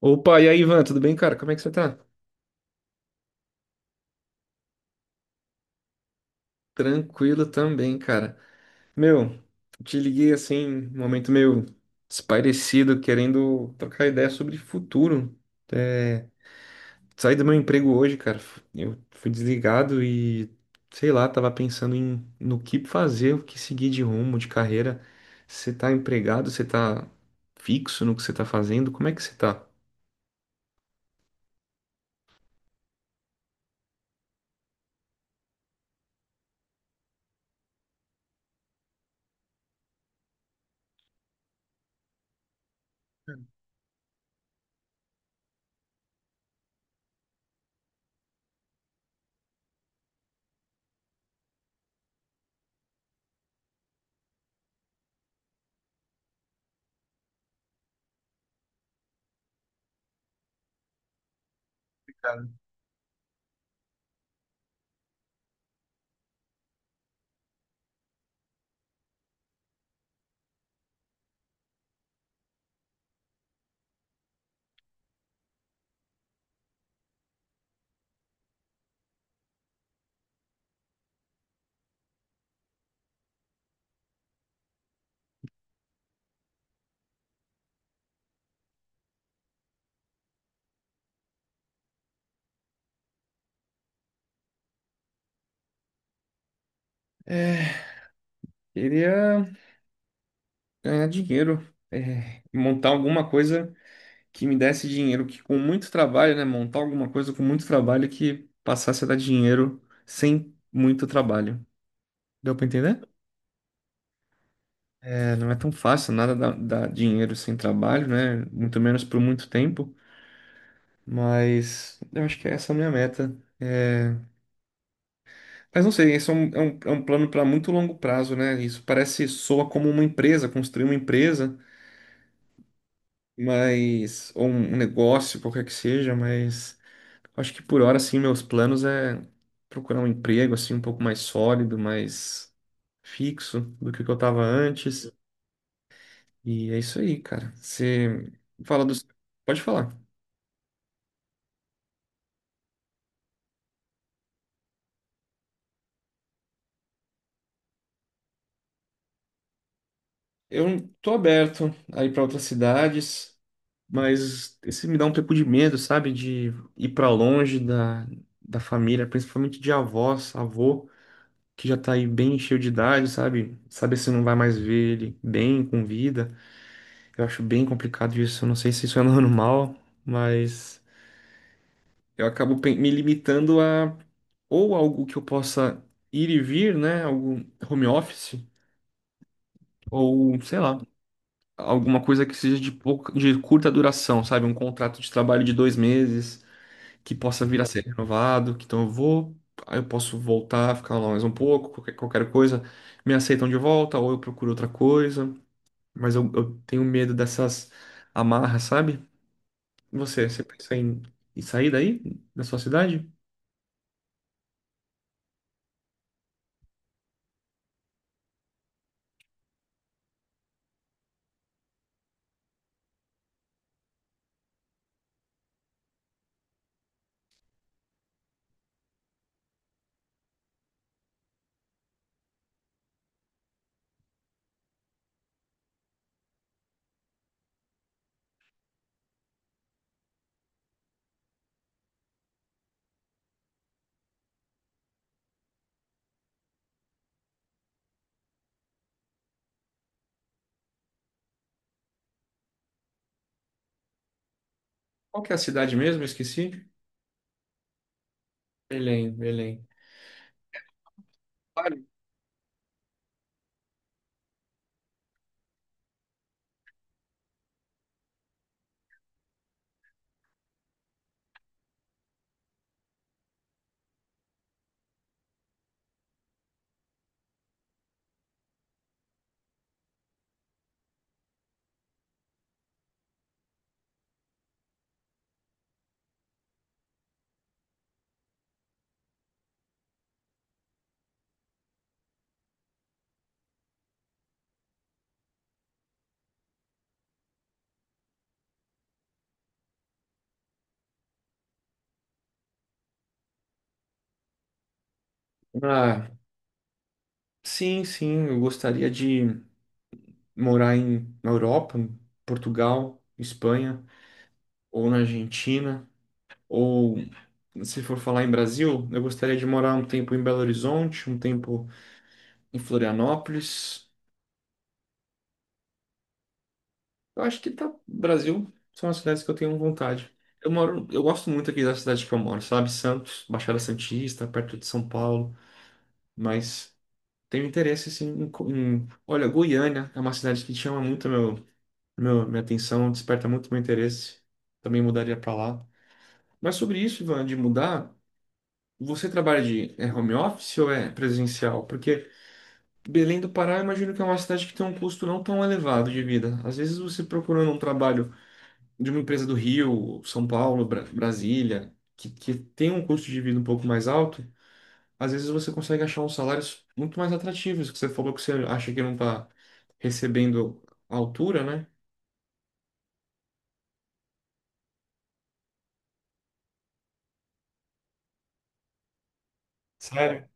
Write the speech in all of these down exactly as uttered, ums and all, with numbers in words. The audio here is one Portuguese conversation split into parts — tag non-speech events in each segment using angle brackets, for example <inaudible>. Opa, e aí, Ivan, tudo bem, cara? Como é que você tá? Tranquilo também, cara. Meu, te liguei assim, num momento meio desparecido, querendo trocar ideia sobre futuro. É, saí do meu emprego hoje, cara. Eu fui desligado e, sei lá, tava pensando em no que fazer, o que seguir de rumo, de carreira. Você tá empregado, você tá fixo no que você tá fazendo? Como é que você tá? Cara, queria ganhar dinheiro, é, montar alguma coisa que me desse dinheiro, que com muito trabalho, né, montar alguma coisa com muito trabalho que passasse a dar dinheiro sem muito trabalho. Deu para entender? É, não é tão fácil, nada dá, dá dinheiro sem trabalho, né? Muito menos por muito tempo, mas eu acho que essa é a minha meta. É, mas não sei, esse é um, é um, é um plano para muito longo prazo, né? Isso parece, soa como uma empresa, construir uma empresa, mas, ou um negócio, qualquer que seja, mas acho que por hora, assim, meus planos é procurar um emprego, assim, um pouco mais sólido, mais fixo do que o que eu tava antes. E é isso aí, cara. Você fala dos... Pode falar. Eu tô aberto a ir pra outras cidades, mas esse me dá um pouco de medo, sabe? De ir pra longe da, da família, principalmente de avós, avô, que já tá aí bem cheio de idade, sabe? Saber se não vai mais ver ele bem, com vida. Eu acho bem complicado isso. Eu não sei se isso é <laughs> normal, mas eu acabo pen- me limitando a ou algo que eu possa ir e vir, né? Algo home office, ou sei lá, alguma coisa que seja de pouca, de curta duração, sabe? Um contrato de trabalho de dois meses que possa vir a ser renovado. Que Então eu vou, aí eu posso voltar, ficar lá mais um pouco, qualquer, qualquer coisa, me aceitam de volta, ou eu procuro outra coisa. Mas eu eu tenho medo dessas amarras, sabe? Você, você pensa em, em sair daí, da sua cidade? Qual que é a cidade mesmo? Eu esqueci. Belém, Belém. Vale. Ah, sim, sim, eu gostaria de morar em, na Europa, em Portugal, Espanha, ou na Argentina, ou se for falar em Brasil, eu gostaria de morar um tempo em Belo Horizonte, um tempo em Florianópolis. Eu acho que tá. Brasil são as cidades que eu tenho vontade. Eu moro, eu gosto muito aqui da cidade que eu moro, sabe? Santos, Baixada Santista, perto de São Paulo, mas tenho interesse assim em, co- em- olha, Goiânia é uma cidade que chama muito meu, meu minha atenção, desperta muito meu interesse. Também mudaria para lá. Mas sobre isso, Ivan, de mudar, você trabalha de é home office ou é presencial? Porque Belém do Pará, eu imagino que é uma cidade que tem um custo não tão elevado de vida. Às vezes você procurando um trabalho de uma empresa do Rio, São Paulo, Bra- Brasília, que, que tem um custo de vida um pouco mais alto, às vezes você consegue achar uns salários muito mais atrativos, que você falou que você acha que não está recebendo a altura, né? Sério?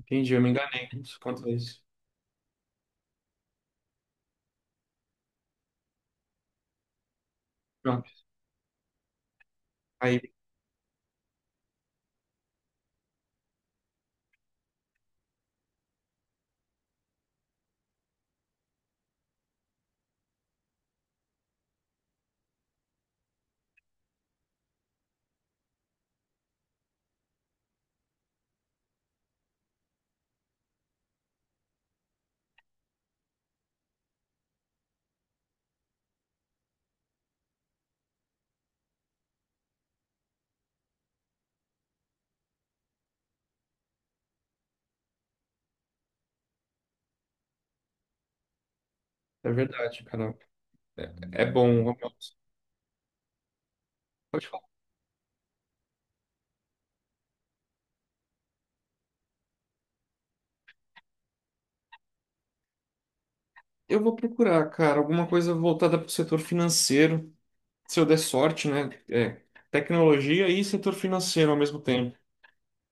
Entendi, eu me enganei isso, quanto a isso. Não, aí, é verdade, cara. É bom, home office. Pode falar. Eu vou procurar, cara, alguma coisa voltada para o setor financeiro, se eu der sorte, né? É, tecnologia e setor financeiro ao mesmo tempo.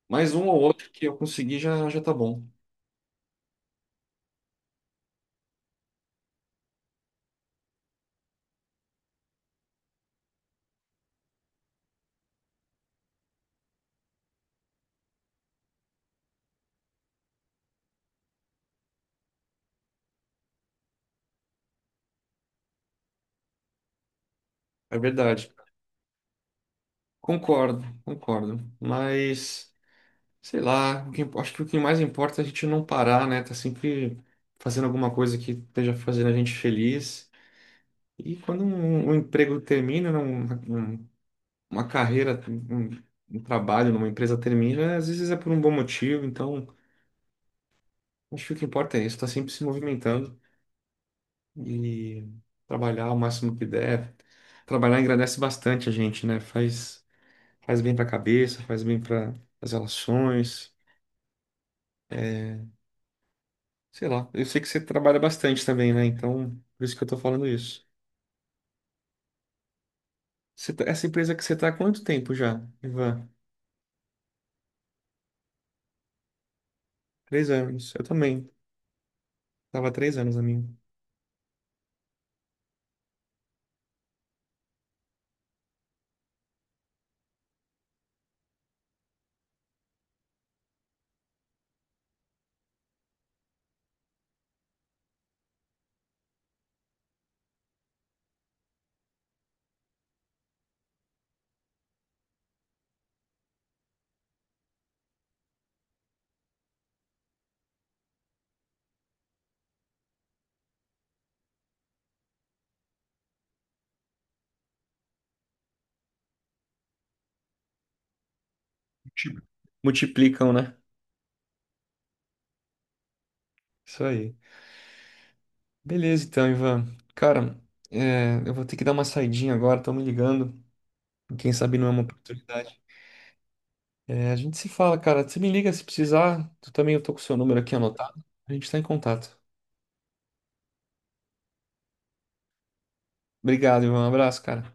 Mais um ou outro que eu conseguir já, já tá bom. É verdade. Concordo, concordo. Mas, sei lá, o que imp- acho que o que mais importa é a gente não parar, né? Tá sempre fazendo alguma coisa que esteja fazendo a gente feliz. E quando um, um emprego termina, né, um- um- uma carreira, um, um trabalho numa empresa termina, às vezes é por um bom motivo. Então, acho que o que importa é isso, tá sempre se movimentando e trabalhar o máximo que der. Trabalhar engrandece bastante a gente, né? Faz. Faz bem pra cabeça, faz bem para as relações. É, sei lá. Eu sei que você trabalha bastante também, né? Então, por isso que eu tô falando isso. Você tá- essa empresa que você tá há quanto tempo já, Ivan? Três anos. Eu também. Tava há três anos a minha. Multi- Multiplicam, né? Isso aí. Beleza, então, Ivan. Cara, é, eu vou ter que dar uma saidinha agora, estão me ligando. Quem sabe não é uma oportunidade. É, a gente se fala, cara. Você me liga se precisar. Tu também, eu tô com o seu número aqui anotado. A gente tá em contato. Obrigado, Ivan. Um abraço, cara.